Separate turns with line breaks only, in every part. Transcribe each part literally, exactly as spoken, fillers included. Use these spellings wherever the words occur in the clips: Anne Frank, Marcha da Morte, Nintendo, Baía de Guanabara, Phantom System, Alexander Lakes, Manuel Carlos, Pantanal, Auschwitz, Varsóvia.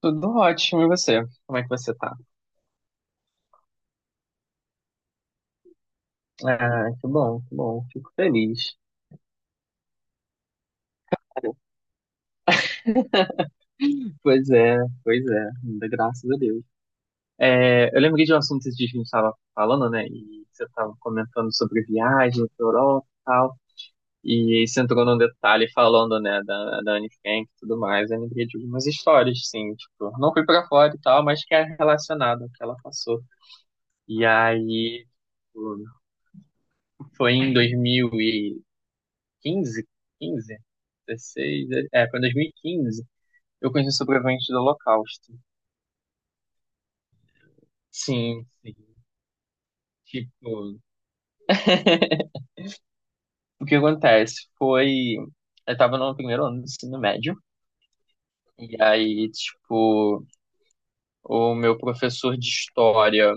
Tudo ótimo, e você? Como é que você tá? Ah, que bom, que bom. Fico feliz. Pois é, pois é, ainda graças a Deus. É, eu lembrei de um assunto que a gente estava falando, né? E você estava comentando sobre viagem para Europa e tal. E aí você entrou num detalhe falando, né, da, da Anne Frank e tudo mais. Eu lembrei de algumas histórias, sim, tipo, não fui para fora e tal, mas que é relacionado ao que ela passou. E aí, tipo, foi em dois mil e quinze, 15, dezesseis, é, foi em dois mil e quinze. Eu conheci sobreviventes do Holocausto. Sim, sim. Tipo, o que acontece foi, eu tava no primeiro ano do ensino médio, e aí, tipo, o meu professor de história,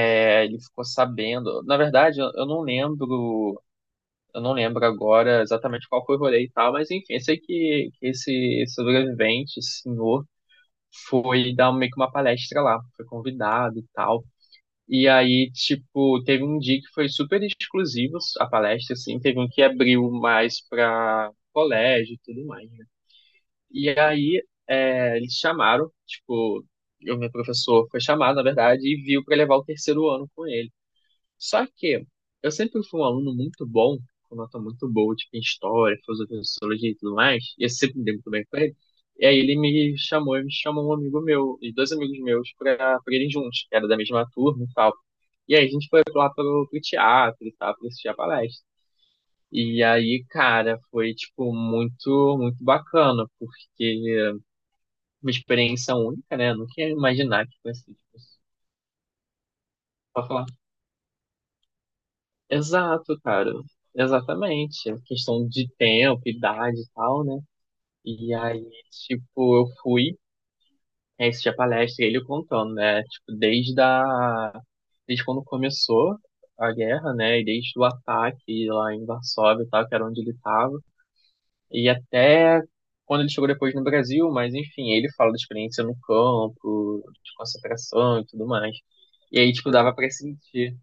é, ele ficou sabendo, na verdade, eu eu não lembro, eu não lembro agora exatamente qual foi o rolê e tal, mas enfim, eu sei que, que esse sobrevivente, esse senhor, foi dar meio que uma palestra lá, foi convidado e tal. E aí, tipo, teve um dia que foi super exclusivo a palestra, assim, teve um que abriu mais pra colégio e tudo mais, né? E aí, é, eles chamaram, tipo, o meu professor foi chamado, na verdade, e viu pra levar o terceiro ano com ele. Só que eu sempre fui um aluno muito bom, com nota muito boa, tipo, em história, filosofia, sociologia e tudo mais, e eu sempre me dei muito bem com ele. E aí ele me chamou, ele me chamou um amigo meu e dois amigos meus pra, pra irem juntos, que era da mesma turma e tal. E aí a gente foi lá pro, pro teatro e tal, pra assistir a palestra. E aí, cara, foi, tipo, muito, muito bacana, porque uma experiência única, né? Eu nunca ia imaginar que fosse, tipo, pode falar. Exato, cara. Exatamente. A questão de tempo, idade e tal, né? E aí, tipo, eu fui, aí a palestra e ele contando, né? Tipo, desde a... desde quando começou a guerra, né? E desde o ataque lá em Varsóvia e tal, que era onde ele tava. E até quando ele chegou depois no Brasil, mas enfim, ele fala da experiência no campo, de concentração e tudo mais. E aí, tipo, dava pra sentir.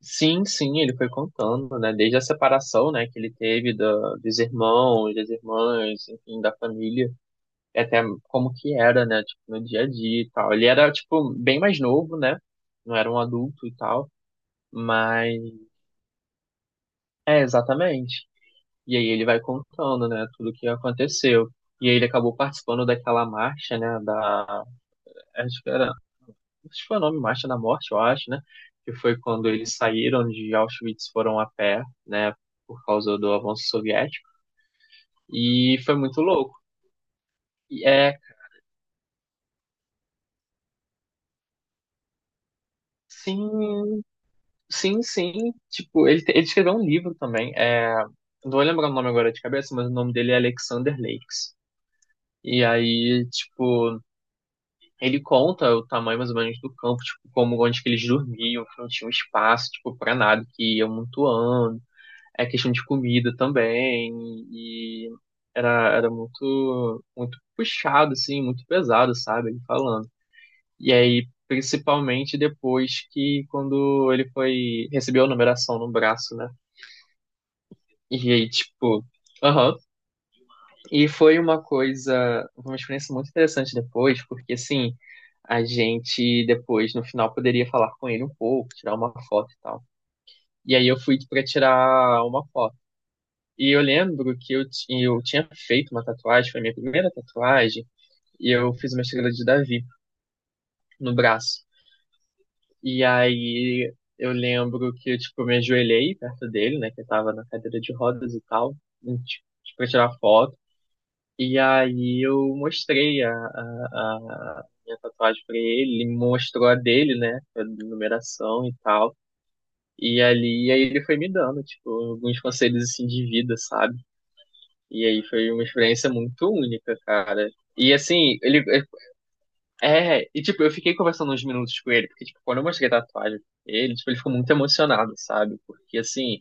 Sim, sim, ele foi contando, né? Desde a separação, né, que ele teve da, dos irmãos, das irmãs, enfim, da família, e até como que era, né, tipo, no dia a dia e tal. Ele era, tipo, bem mais novo, né? Não era um adulto e tal, mas é, exatamente. E aí ele vai contando, né, tudo o que aconteceu. E aí ele acabou participando daquela marcha, né, da, acho que era acho que foi o nome Marcha da Morte, eu acho, né? Que foi quando eles saíram de Auschwitz, foram a pé, né? Por causa do avanço soviético. E foi muito louco. E é, sim, sim, sim. Tipo, ele, te- ele escreveu um livro também. É, não vou lembrar o nome agora de cabeça, mas o nome dele é Alexander Lakes. E aí, tipo, ele conta o tamanho mais ou menos do campo, tipo, como onde que eles dormiam, que não tinha um espaço, tipo, pra nada, que ia amontoando. É questão de comida também, e era, era muito, muito puxado, assim, muito pesado, sabe, ele falando. E aí, principalmente depois que quando ele foi, recebeu a numeração no braço, né, e aí, tipo, aham, e foi uma coisa, uma experiência muito interessante depois, porque, assim, a gente depois, no final, poderia falar com ele um pouco, tirar uma foto e tal. E aí eu fui pra tirar uma foto. E eu lembro que eu, ti- eu tinha feito uma tatuagem, foi a minha primeira tatuagem, e eu fiz uma estrela de Davi no braço. E aí eu lembro que tipo, eu tipo, me ajoelhei perto dele, né, que eu tava na cadeira de rodas e tal, e, tipo, pra tirar foto. E aí eu mostrei a, a, a minha tatuagem pra ele, ele mostrou a dele, né, a numeração e tal. E ali, aí ele foi me dando, tipo, alguns conselhos assim de vida, sabe? E aí foi uma experiência muito única, cara. E assim, ele. É, e tipo, eu fiquei conversando uns minutos com ele, porque, tipo, quando eu mostrei a tatuagem pra ele, tipo, ele ficou muito emocionado, sabe? Porque assim,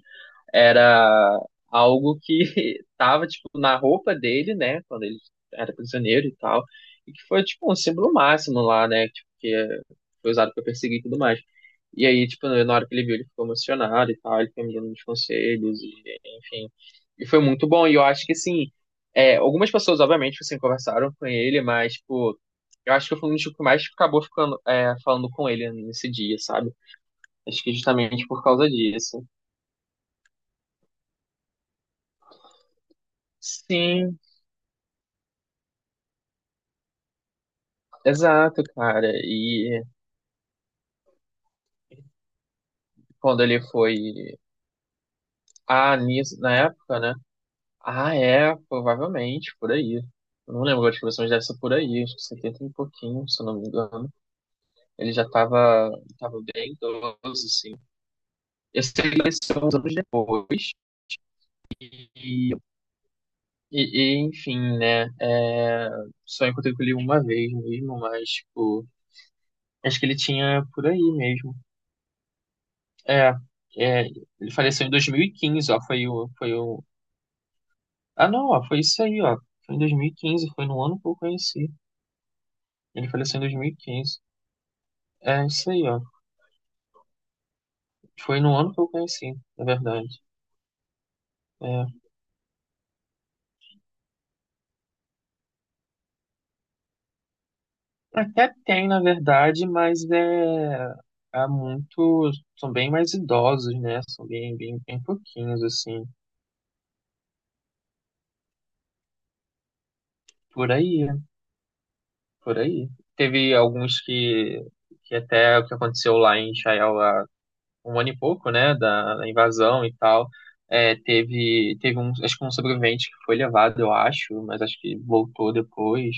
era algo que tava, tipo, na roupa dele, né, quando ele era prisioneiro e tal, e que foi, tipo, um símbolo máximo lá, né, tipo, que é- foi usado para perseguir e tudo mais. E aí, tipo, na hora que ele viu, ele ficou emocionado e tal, ele foi me dando uns conselhos, e, enfim. E foi muito bom, e eu acho que, assim, é, algumas pessoas, obviamente, assim, conversaram com ele, mas, tipo, eu acho que eu fui um dos que mais acabou ficando, é, falando com ele nesse dia, sabe? Acho que justamente por causa disso. Sim, exato, cara. E quando ele foi. Ah, nisso, na época, né? Ah, é, provavelmente, por aí. Eu não lembro de que versões dessa por aí, acho que setenta e pouquinho, se eu não me engano. Ele já tava, tava bem idoso, assim. Eu sei que apareceu uns anos depois. E, e, e, enfim, né? É, só encontrei com ele uma vez mesmo, mas, tipo, acho que ele tinha por aí mesmo. É, é, ele faleceu em dois mil e quinze, ó. Foi o, foi o, Ah, não, ó, foi isso aí, ó. Foi em dois mil e quinze, foi no ano que eu conheci. Ele faleceu em dois mil e quinze. É isso aí, ó. Foi no ano que eu conheci, na verdade. É. Até tem, na verdade, mas é. Há muito. São bem mais idosos, né? São bem, bem, bem pouquinhos, assim. Por aí, por aí. Teve alguns que. Que até o que aconteceu lá em Israel um ano e pouco, né, da, da invasão e tal, é, teve, teve um, acho que um sobrevivente que foi levado, eu acho, mas acho que voltou depois,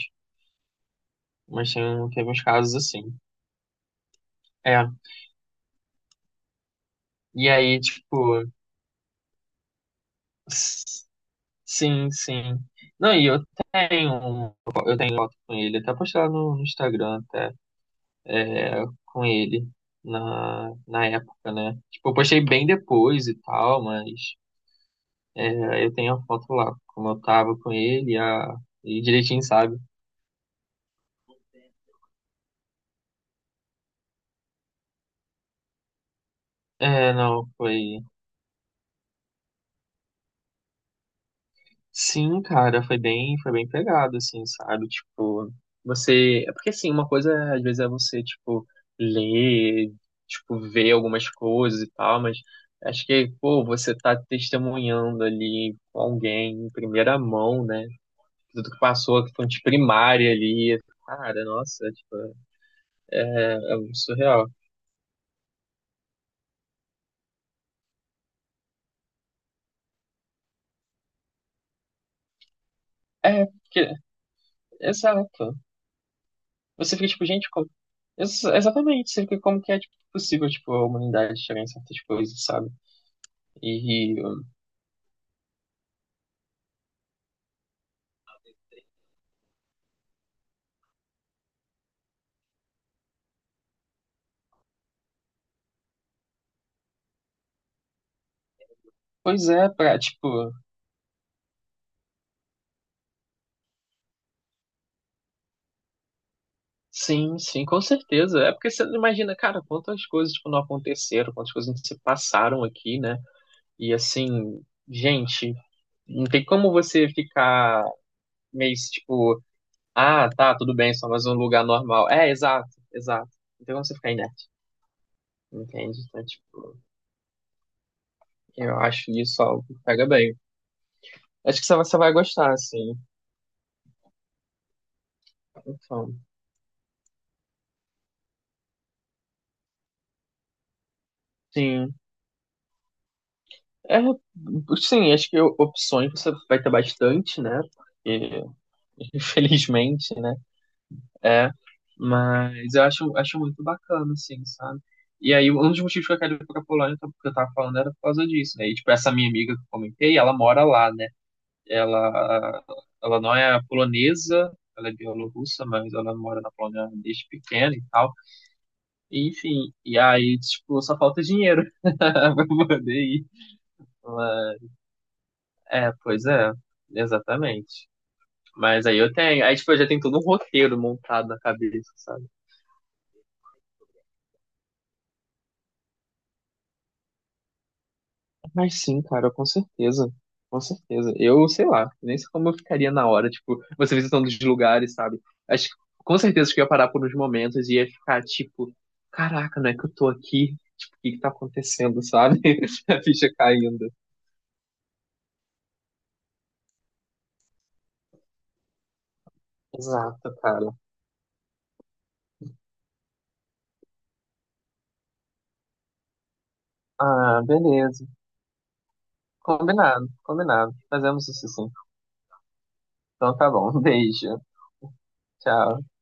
mas tem, um- teve uns casos assim. É, e aí, tipo, s- sim, sim. Não, e eu tenho um com ele, até postei lá no, no Instagram, até, com ele, na, na época, né. Tipo, eu postei bem depois e tal, mas é, eu tenho a foto lá, como eu tava com ele, a, e direitinho, sabe? É, não, foi. Sim, cara, foi bem, foi bem pegado, assim, sabe? Tipo, você. É porque, assim, uma coisa às vezes é você, tipo, ler, tipo, ver algumas coisas e tal, mas acho que, pô, você tá testemunhando ali com alguém em primeira mão, né? Tudo que passou, que fonte primária ali. Cara, nossa, tipo, é, é muito surreal. É, porque, exato. Você fica, tipo, gente, Ex- Exatamente, sempre como que é tipo, possível, tipo, a humanidade chegar em certas coisas, sabe? E, pois é, pra, tipo, sim, sim, com certeza. É porque você não imagina, cara, quantas coisas, tipo, não aconteceram, quantas coisas não se passaram aqui, né? E, assim, gente, não tem como você ficar meio, tipo, ah, tá, tudo bem, só mais um lugar normal. É, exato, exato. Não tem como você ficar inerte, entende? Então, tipo, eu acho isso algo que pega bem. Acho que você vai você vai gostar, assim. Então... Sim. É, sim, acho que opções você vai ter bastante, né? Porque, infelizmente, né? É. Mas eu acho, acho muito bacana, assim, sabe? E aí, um dos motivos que eu quero ir pra Polônia, que eu que eu tava falando, era por causa disso, né? E, tipo, essa minha amiga que eu comentei, ela mora lá, né? Ela, ela não é polonesa, ela é bielorrussa, mas ela mora na Polônia desde pequena e tal. Enfim, e aí, tipo, só falta dinheiro pra poder ir. É, pois é, exatamente. Mas aí eu tenho, aí tipo, eu já tenho todo um roteiro montado na cabeça, sabe? Mas sim, cara, com certeza. Com certeza. Eu, sei lá, nem sei como eu ficaria na hora, tipo, você visitando os lugares, sabe? Acho que com certeza que eu ia parar por uns momentos e ia ficar tipo, caraca, não é que eu tô aqui? Tipo, o que que tá acontecendo, sabe? A ficha caindo. Exato, cara. Ah, beleza. Combinado, combinado. Fazemos isso sim. Então tá bom. Um beijo. Tchau.